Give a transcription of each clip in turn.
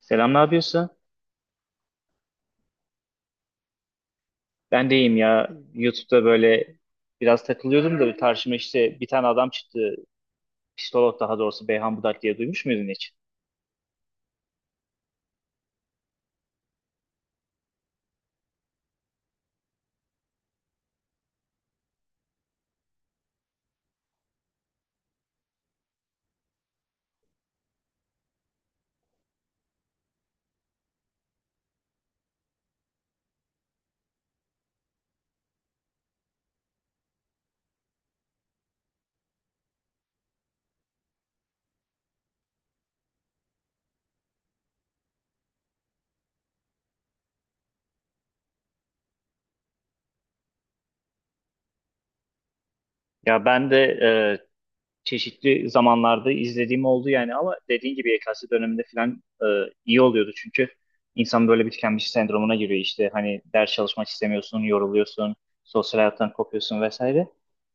Selam, ne yapıyorsun? Ben de iyiyim ya. YouTube'da böyle biraz takılıyordum da karşıma işte bir tane adam çıktı. Psikolog daha doğrusu Beyhan Budak diye duymuş muydun hiç? Ya ben de çeşitli zamanlarda izlediğim oldu yani ama dediğin gibi YKS döneminde falan iyi oluyordu çünkü insan böyle bir tükenmiş sendromuna giriyor işte hani ders çalışmak istemiyorsun, yoruluyorsun, sosyal hayattan kopuyorsun vesaire.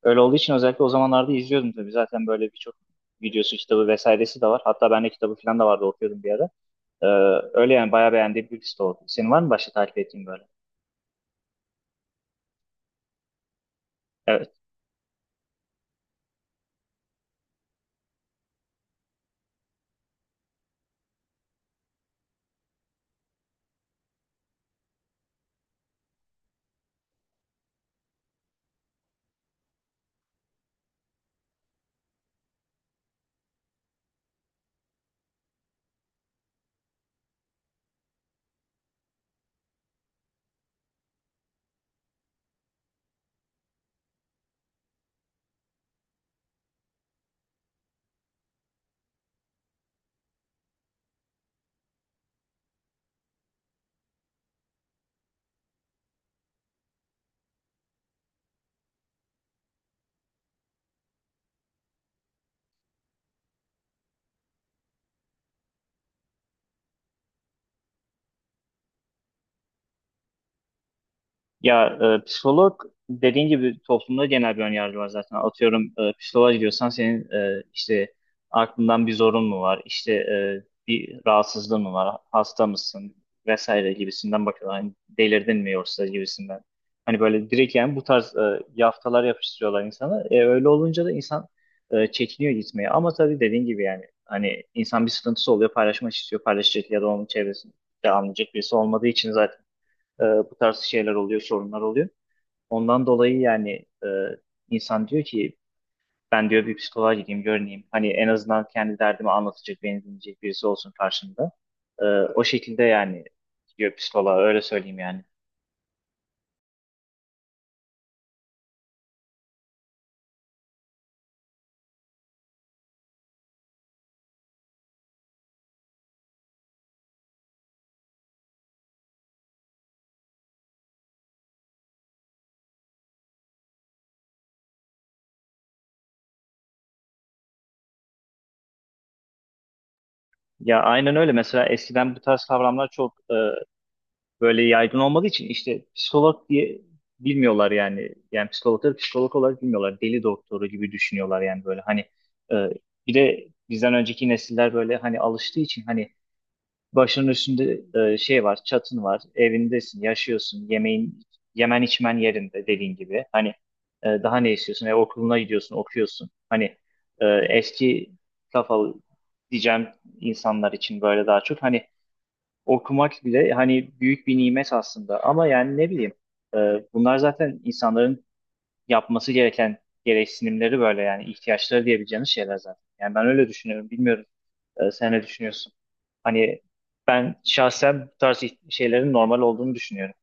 Öyle olduğu için özellikle o zamanlarda izliyordum tabii zaten böyle birçok videosu, kitabı vesairesi de var. Hatta ben de kitabı falan da vardı okuyordum bir ara. E, Öyle yani bayağı beğendiğim bir liste oldu. Senin var mı başka takip ettiğin böyle? Evet. Ya psikolog dediğin gibi toplumda genel bir önyargı var zaten. Atıyorum psikoloğa gidiyorsan senin işte aklından bir zorun mu var? İşte bir rahatsızlığın mı var? Hasta mısın? Vesaire gibisinden bakıyorlar. Hani delirdin mi yoksa gibisinden. Hani böyle direkt yani bu tarz yaftalar yapıştırıyorlar insana. Öyle olunca da insan çekiniyor gitmeye. Ama tabii dediğin gibi yani hani insan bir sıkıntısı oluyor paylaşmak istiyor. Paylaşacak ya da onun çevresinde anlayacak birisi olmadığı için zaten bu tarz şeyler oluyor, sorunlar oluyor. Ondan dolayı yani e, insan diyor ki ben diyor bir psikoloğa gideyim, görüneyim. Hani en azından kendi derdimi anlatacak, beni dinleyecek birisi olsun karşımda. O şekilde yani gidiyor psikoloğa, öyle söyleyeyim yani. Ya aynen öyle. Mesela eskiden bu tarz kavramlar çok böyle yaygın olmadığı için işte psikolog diye bilmiyorlar yani. Yani psikologları psikolog olarak bilmiyorlar. Deli doktoru gibi düşünüyorlar yani böyle. Hani e, bir de bizden önceki nesiller böyle hani alıştığı için hani başının üstünde şey var, çatın var, evindesin, yaşıyorsun, yemeğin, yemen içmen yerinde dediğin gibi. Hani daha ne istiyorsun? Okuluna gidiyorsun, okuyorsun. Hani eski kafalı diyeceğim insanlar için böyle daha çok. Hani okumak bile hani büyük bir nimet aslında. Ama yani ne bileyim, e, bunlar zaten insanların yapması gereken gereksinimleri böyle yani ihtiyaçları diyebileceğiniz şeyler zaten. Yani ben öyle düşünüyorum. Bilmiyorum. Sen ne düşünüyorsun? Hani ben şahsen bu tarz şeylerin normal olduğunu düşünüyorum.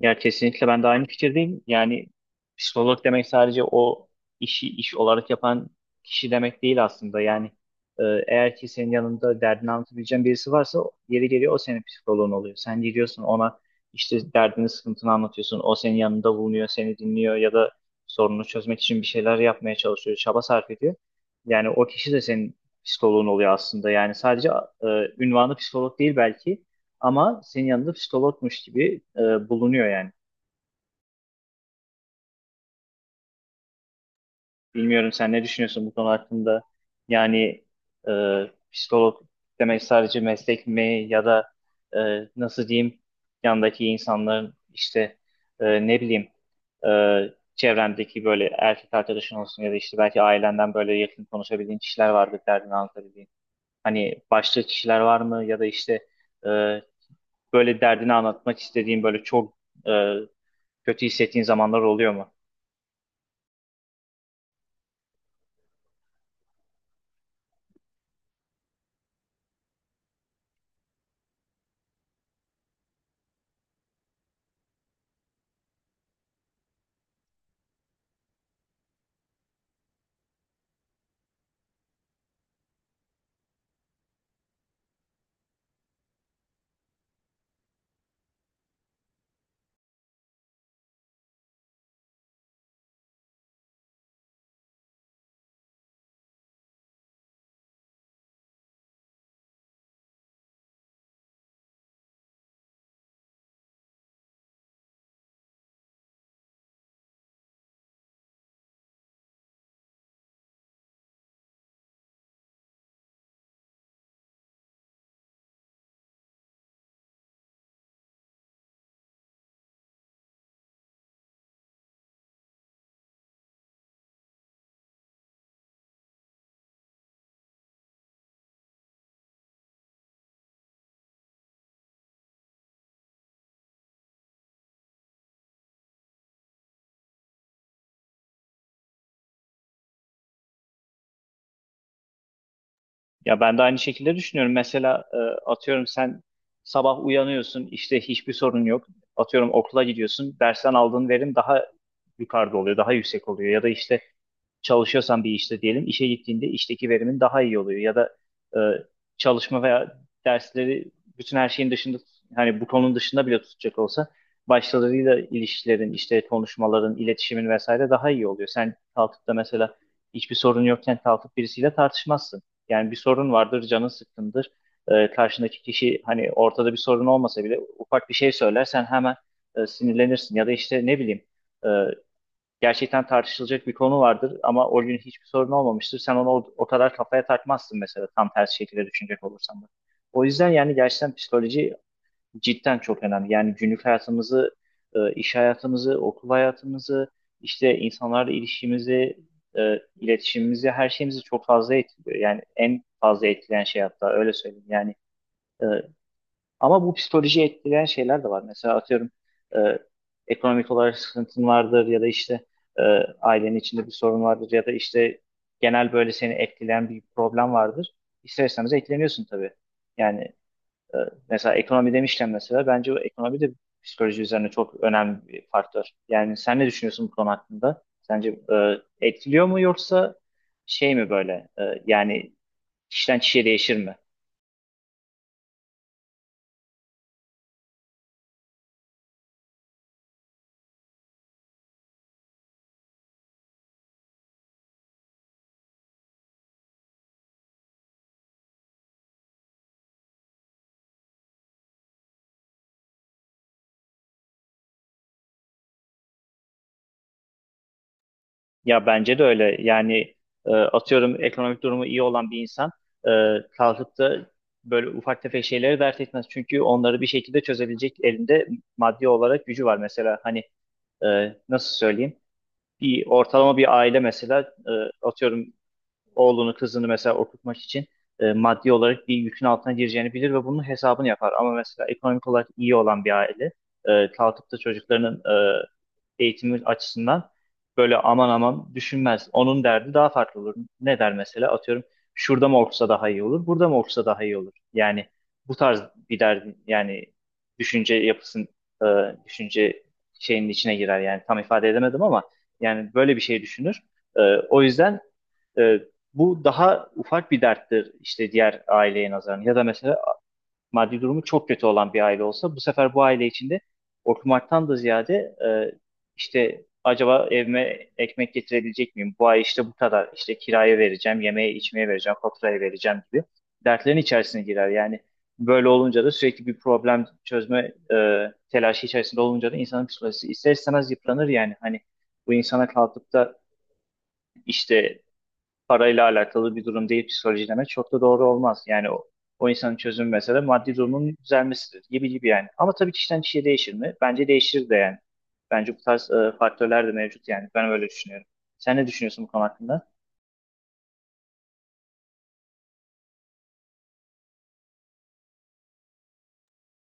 Ya kesinlikle ben de aynı fikirdeyim. Yani psikolog demek sadece o işi iş olarak yapan kişi demek değil aslında. Yani e, eğer ki senin yanında derdini anlatabileceğin birisi varsa yeri geliyor o senin psikoloğun oluyor. Sen gidiyorsun ona işte derdini sıkıntını anlatıyorsun. O senin yanında bulunuyor, seni dinliyor ya da sorununu çözmek için bir şeyler yapmaya çalışıyor, çaba sarf ediyor. Yani o kişi de senin psikoloğun oluyor aslında. Yani sadece e, ünvanı psikolog değil belki. Ama senin yanında psikologmuş gibi bulunuyor yani. Bilmiyorum sen ne düşünüyorsun bu konu hakkında? Yani e, psikolog demek sadece meslek mi ya da e, nasıl diyeyim yandaki insanların işte ne bileyim e, çevrendeki böyle erkek arkadaşın olsun ya da işte belki ailenden böyle yakın konuşabildiğin kişiler vardır derdini anlatabildiğin. Hani başka kişiler var mı ya da işte e, böyle derdini anlatmak istediğin böyle çok e, kötü hissettiğin zamanlar oluyor mu? Ya ben de aynı şekilde düşünüyorum. Mesela atıyorum sen sabah uyanıyorsun, işte hiçbir sorun yok. Atıyorum okula gidiyorsun, dersten aldığın verim daha yukarıda oluyor, daha yüksek oluyor. Ya da işte çalışıyorsan bir işte diyelim, işe gittiğinde işteki verimin daha iyi oluyor. Ya da e, çalışma veya dersleri bütün her şeyin dışında, hani bu konunun dışında bile tutacak olsa başkalarıyla ilişkilerin, işte konuşmaların, iletişimin vesaire daha iyi oluyor. Sen kalkıp da mesela hiçbir sorun yokken kalkıp birisiyle tartışmazsın. Yani bir sorun vardır, canın sıkkındır. Karşındaki kişi hani ortada bir sorun olmasa bile ufak bir şey söyler, sen hemen sinirlenirsin. Ya da işte ne bileyim e, gerçekten tartışılacak bir konu vardır ama o gün hiçbir sorun olmamıştır. Sen onu o kadar kafaya takmazsın mesela tam tersi şekilde düşünecek olursan da. O yüzden yani gerçekten psikoloji cidden çok önemli. Yani günlük hayatımızı, iş hayatımızı, okul hayatımızı, işte insanlarla ilişkimizi, iletişimimizi, her şeyimizi çok fazla etkiliyor. Yani en fazla etkileyen şey hatta öyle söyleyeyim. Yani e, ama bu psikolojiyi etkileyen şeyler de var. Mesela atıyorum e, ekonomik olarak sıkıntın vardır ya da işte e, ailenin içinde bir sorun vardır ya da işte genel böyle seni etkileyen bir problem vardır. İster istemez etkileniyorsun tabii. Yani e, mesela ekonomi demişken mesela bence o ekonomi de psikoloji üzerine çok önemli bir faktör. Yani sen ne düşünüyorsun bu konu hakkında? Sence etkiliyor mu yoksa şey mi böyle yani kişiden kişiye değişir mi? Ya bence de öyle. Yani atıyorum ekonomik durumu iyi olan bir insan e, kalkıp da böyle ufak tefek şeyleri dert etmez. Çünkü onları bir şekilde çözebilecek elinde maddi olarak gücü var. Mesela hani nasıl söyleyeyim? Bir ortalama bir aile mesela e, atıyorum oğlunu kızını mesela okutmak için maddi olarak bir yükün altına gireceğini bilir ve bunun hesabını yapar. Ama mesela ekonomik olarak iyi olan bir aile kalkıp da çocuklarının e, eğitimi açısından böyle aman aman düşünmez. Onun derdi daha farklı olur. Ne der mesela? Atıyorum şurada mı okusa daha iyi olur, burada mı okusa daha iyi olur. Yani bu tarz bir derdi yani düşünce yapısın e, düşünce şeyinin içine girer yani tam ifade edemedim ama yani böyle bir şey düşünür. E, O yüzden ee, bu daha ufak bir derttir işte diğer aileye nazaran. Ya da mesela maddi durumu çok kötü olan bir aile olsa bu sefer bu aile içinde okumaktan da ziyade e, işte acaba evime ekmek getirebilecek miyim? Bu ay işte bu kadar işte kiraya vereceğim, yemeğe içmeye vereceğim, faturaya vereceğim gibi dertlerin içerisine girer. Yani böyle olunca da sürekli bir problem çözme telaşı içerisinde olunca da insanın psikolojisi ister istemez yıpranır yani. Hani bu insana kalkıp da işte parayla alakalı bir durum değil psikoloji demek çok da doğru olmaz. Yani o insanın çözümü mesela maddi durumun düzelmesidir gibi gibi yani. Ama tabii kişiden kişiye değişir mi? Bence değişir de yani. Bence bu tarz faktörler de mevcut yani. Ben öyle düşünüyorum. Sen ne düşünüyorsun bu konu hakkında?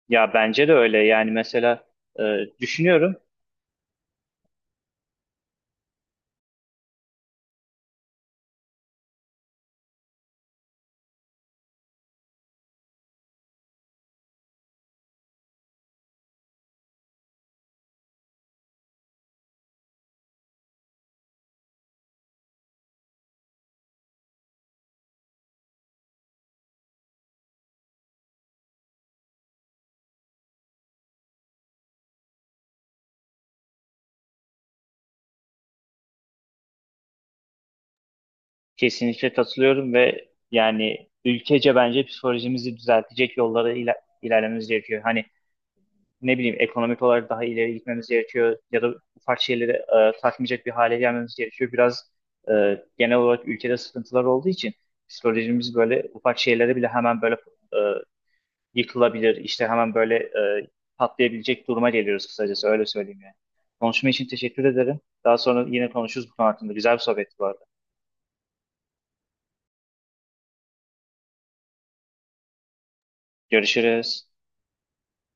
Ya bence de öyle yani mesela e, düşünüyorum. Kesinlikle katılıyorum ve yani ülkece bence psikolojimizi düzeltecek yollara ilerlememiz gerekiyor. Hani ne bileyim ekonomik olarak daha ileri gitmemiz gerekiyor ya da ufak şeyleri takmayacak bir hale gelmemiz gerekiyor. Biraz genel olarak ülkede sıkıntılar olduğu için psikolojimiz böyle ufak şeylere bile hemen böyle e, yıkılabilir, işte hemen böyle patlayabilecek duruma geliyoruz kısacası öyle söyleyeyim yani. Konuşma için teşekkür ederim. Daha sonra yine konuşuruz bu konu hakkında. Güzel bir sohbetti bu arada. Görüşürüz.